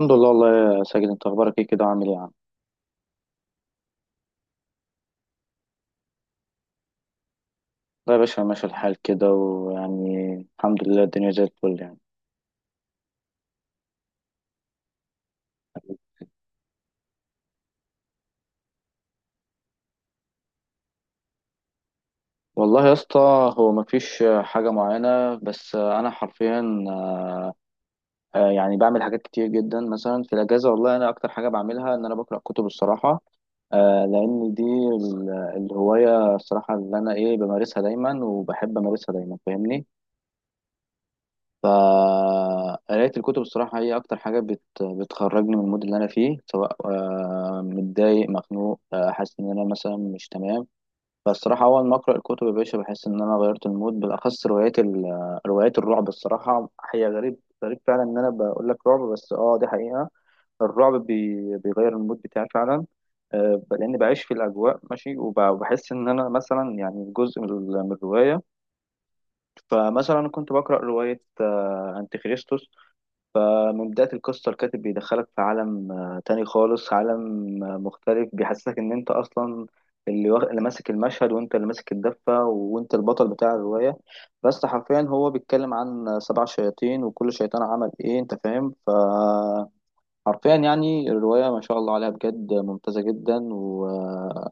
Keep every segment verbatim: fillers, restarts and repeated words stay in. الحمد لله، والله يا ساجد، انت اخبارك ايه كده وعامل ايه يا عم؟ لا يا باشا، ماشي الحال كده ويعني الحمد لله الدنيا زي الفل يعني. والله يا اسطى، هو مفيش حاجة معينة، بس انا حرفيا آه، يعني بعمل حاجات كتير جدا مثلا في الاجازة. والله انا اكتر حاجة بعملها ان انا بقرأ كتب الصراحة. آه، لان دي ال- الهواية الصراحة اللي انا ايه بمارسها دايما وبحب امارسها دايما فاهمني. فقراية الكتب الصراحة هي أكتر حاجة بت... بتخرجني من المود اللي أنا فيه، سواء آه، متضايق مخنوق، آه، حاسس إن أنا مثلا مش تمام. فالصراحة أول ما أقرأ الكتب يا باشا بحس إن أنا غيرت المود، بالأخص روايات ال... آه، روايات الرعب الصراحة. هي غريب، غريب فعلا إن أنا بقول لك رعب، بس أه دي حقيقة. الرعب بي... بيغير المود بتاعي فعلا. آه، لأني بعيش في الأجواء ماشي، وب- وبحس إن أنا مثلا يعني جزء من ال- من الرواية. فمثلا كنت بقرأ رواية آه، أنتيخريستوس. من بداية القصة الكاتب بيدخلك في عالم آه، تاني خالص، عالم آه، مختلف، بيحسسك إن أنت أصلا اللي, واخ- اللي ماسك المشهد، وأنت اللي ماسك الدفة، وأنت البطل بتاع الرواية. بس حرفيا هو بيتكلم عن آه، سبع شياطين، وكل شيطان عمل إيه، أنت فاهم؟ فحرفيا يعني الرواية ما شاء الله عليها بجد ممتازة جدا، و آه،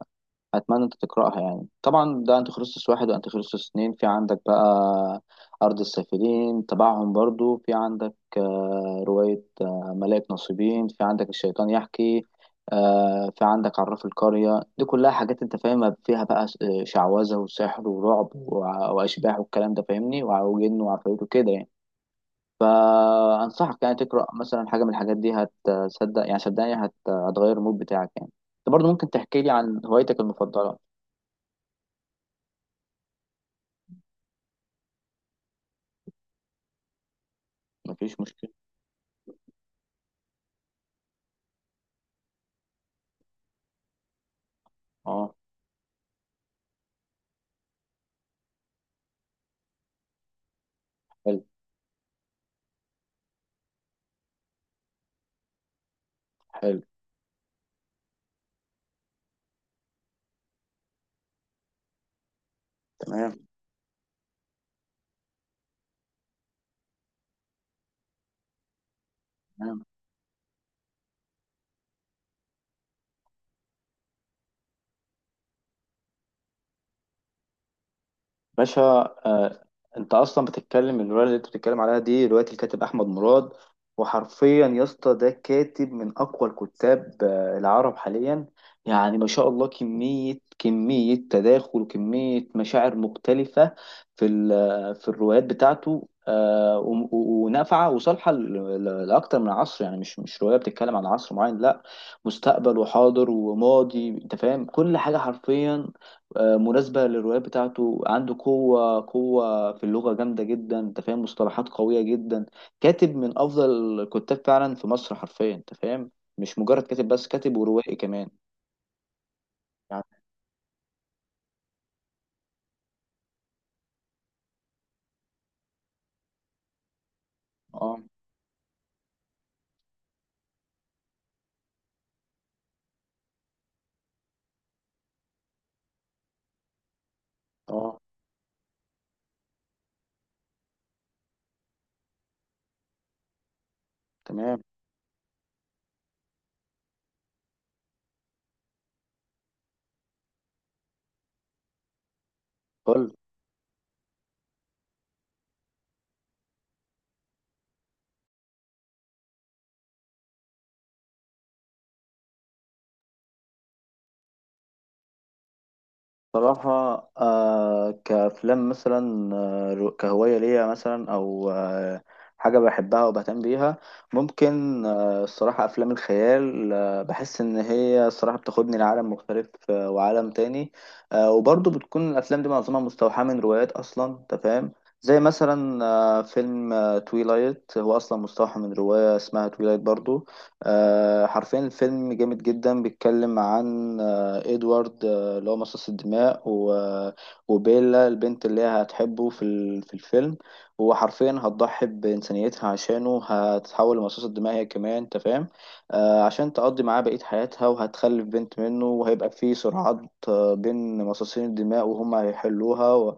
اتمنى انت تقراها. يعني طبعا ده انتيخريستوس واحد، وانتيخريستوس اتنين في عندك بقى، ارض السافلين تبعهم برضو في عندك، آه، رواية آه، ملاك نصيبين في عندك، الشيطان يحكي، آه، في عندك عراف القرية. دي كلها حاجات انت فاهمها فيها بقى، س- آه، شعوذة وسحر ورعب وع- واشباح والكلام ده فاهمني، وع- وجن وعفاريت وكده يعني. فانصحك يعني تقرا مثلا حاجة من الحاجات دي، هتصدق يعني، صدقني هت- هتغير المود بتاعك يعني. انت برضو ممكن تحكي لي عن هوايتك المفضلة؟ مفيش مشكلة. اه. حلو. حلو. تمام. تمام. باشا. آه، انت اصلا بتتكلم، الروايه اللي انت بتتكلم عليها دي روايه الكاتب احمد مراد. وحرفيا يا اسطى ده كاتب من اقوى الكتاب آه، العرب حاليا. يعني ما شاء الله، كميه كميه تداخل وكميه مشاعر مختلفه في ال- آه، في الروايات بتاعته، آه، و- و- ونافعه وصالحه ل- ل- لاكتر من عصر. يعني مش مش روايه بتتكلم عن عصر معين، لا، مستقبل وحاضر وماضي، انت فاهم كل حاجه حرفيا. آه، مناسبة للروايات بتاعته. عنده قوة قوة في اللغة جامدة جدا، انت فاهم، مصطلحات قوية جدا. كاتب من أفضل الكتاب فعلا في مصر حرفيا انت فاهم، مش مجرد كاتب بس، كاتب وروائي كمان. يعني اه، اه، تمام، قول. صراحة آه كأفلام مثلا، آه رو- كهواية ليا مثلا، أو آه حاجة بحبها وبهتم بيها. ممكن آه الصراحة أفلام الخيال، آه بحس إن هي الصراحة بتاخدني لعالم مختلف، آه وعالم تاني. آه وبرضه بتكون الأفلام دي معظمها مستوحاة من روايات أصلا، أنت فاهم. زي مثلا آه فيلم آه تويلايت، هو أصلا مستوحى من رواية اسمها تويلايت برضو. آه حرفيا الفيلم جامد جدا، بيتكلم عن آه إدوارد اللي هو مصاص الدماء و... وبيلا البنت اللي هي هتحبه في ال... في الفيلم. هو حرفيا هتضحي بإنسانيتها عشانه، هتتحول لمصاص الدماء هي كمان، انت فاهم، آه عشان تقضي معاه بقية حياتها، وهتخلف بنت منه، وهيبقى في صراعات آه، بين مصاصين الدماء، وهم هيحلوها و...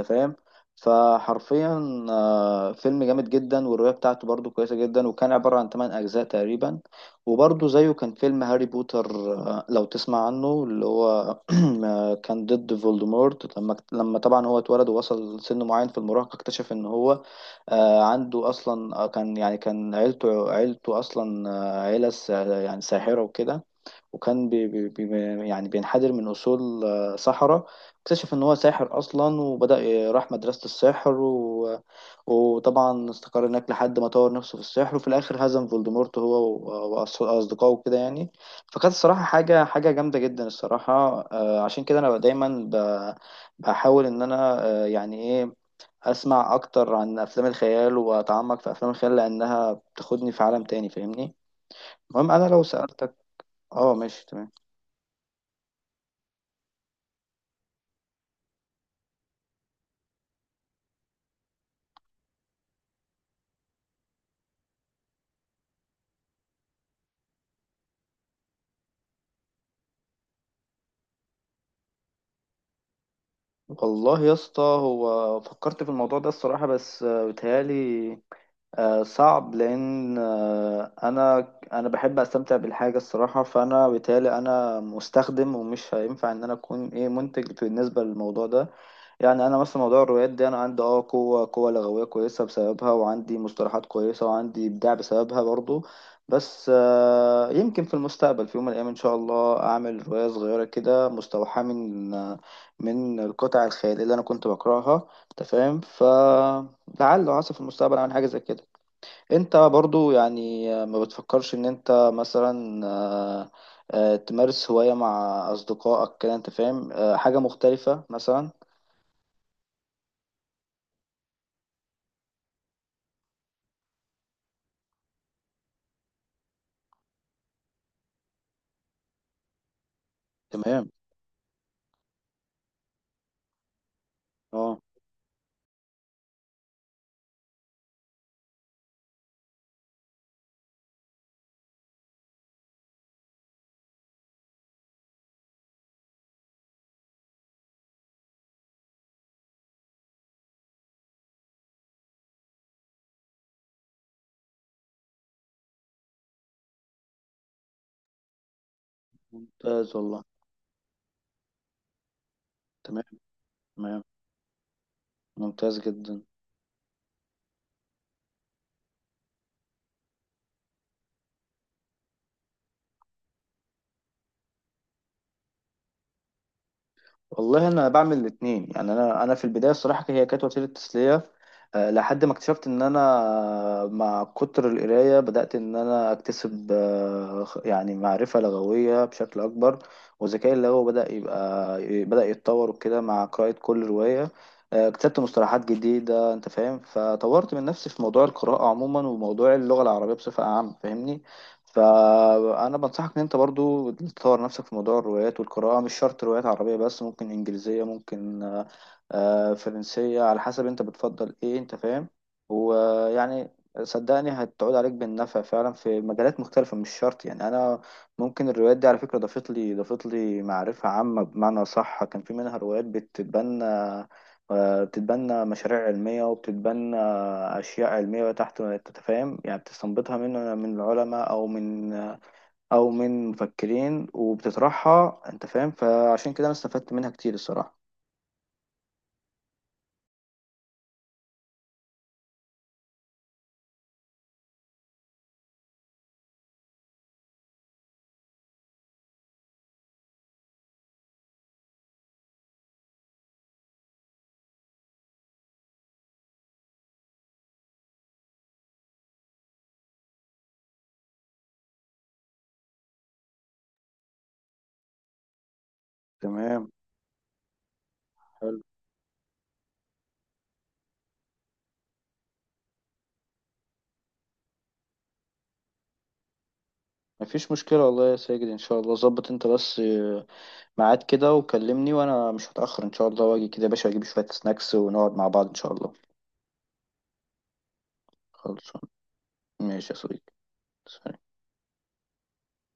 انت فاهم. فحرفيا آه، فيلم جامد جدا، والرواية بتاعته برضو كويسة جدا، وكان عبارة عن ثمانية أجزاء تقريبا. وبرضه زيه كان فيلم هاري بوتر، آه، لو تسمع عنه، اللي هو كان ضد فولدمورت. لما لما طبعا هو اتولد ووصل سن معين في المراهقة، اكتشف ان هو آه، عنده اصلا، آه، كان يعني كان عيلته عيلته اصلا آه، عيلة س- يعني ساحرة وكده. وكان بي بي بي يعني بينحدر من اصول آه، سحرة. اكتشف ان هو ساحر اصلا، وبدأ راح مدرسة السحر، وطبعا استقر هناك لحد ما طور نفسه في السحر، وفي الآخر هزم فولدمورت هو و- وأص- وأصدقائه كده يعني. فكانت الصراحة حاجة حاجة جامدة جدا الصراحة. آه، عشان كده أنا دايما ب- بحاول إن أنا آه، يعني إيه، أسمع أكتر عن أفلام الخيال، وأتعمق في أفلام الخيال لأنها بتاخدني في عالم تاني فاهمني. المهم أنا لو سألتك. اه، ماشي، تمام. والله يا اسطى، هو فكرت في الموضوع ده الصراحة، بس آه، بيتهيألي آه، صعب، لان آه، انا انا بحب استمتع بالحاجه الصراحه، فانا بالتالي انا مستخدم، ومش هينفع ان انا اكون ايه منتج بالنسبه للموضوع ده. يعني انا مثلا موضوع الروايات ده، انا عندي اه قوه قوه لغويه كويسه بسببها، وعندي مصطلحات كويسه، وعندي ابداع بسببها برضو. بس آه، يمكن في المستقبل في يوم من الايام ان شاء الله اعمل روايه صغيره كده مستوحاه من آه، من القطع الخياليه اللي انا كنت بقراها، انت فاهم، فلعل وعسى في المستقبل اعمل حاجه زي كده. انت برضو يعني ما بتفكرش ان انت مثلا آه، آه، تمارس هواية مع اصدقائك كده انت فاهم، آه، حاجة مختلفة مثلا؟ تمام. اه. ممتاز والله. تمام. تمام. ممتاز جدا. والله انا بعمل الاثنين. يعني انا انا في البدايه الصراحه هي كانت وسيله تسليه، آه، لحد ما اكتشفت ان انا آه، مع كتر القرايه بدات ان انا اكتسب آه، خ- يعني معرفه لغويه بشكل اكبر، وذكائي اللغوي بدا يبقى ي- بدا يتطور وكده. مع قراءه كل روايه آه، اكتسبت مصطلحات جديده، انت فاهم، فطورت من نفسي في موضوع القراءه عموما، وموضوع اللغه العربيه بصفه عامه، فاهمني. فانا بنصحك ان انت برضو تطور نفسك في موضوع الروايات والقراءه، مش شرط روايات عربيه بس، ممكن انجليزيه، ممكن آه، آه، فرنسيه، على حسب انت بتفضل ايه، انت فاهم. ويعني صدقني هتعود عليك بالنفع فعلا في مجالات مختلفه، مش شرط يعني انا ممكن. الروايات دي على فكره ضافت لي ضافت لي معرفه عامه، بمعنى صح كان في منها روايات بتتبنى آه، بتتبنى مشاريع علميه، وبتتبنى اشياء علميه تحت انت فاهم، يعني بتستنبطها من من العلماء، او من، او من مفكرين، وبتطرحها انت فاهم، فعشان كده انا استفدت منها كتير الصراحه. تمام. حلو. مفيش مشكله والله يا ساجد، ان شاء الله ظبط انت بس ميعاد كده وكلمني، وانا مش هتاخر ان شاء الله، واجي كده يا باشا، اجيب شويه سناكس، ونقعد مع بعض ان شاء الله. خلصان. ماشي يا صديقي. سلام.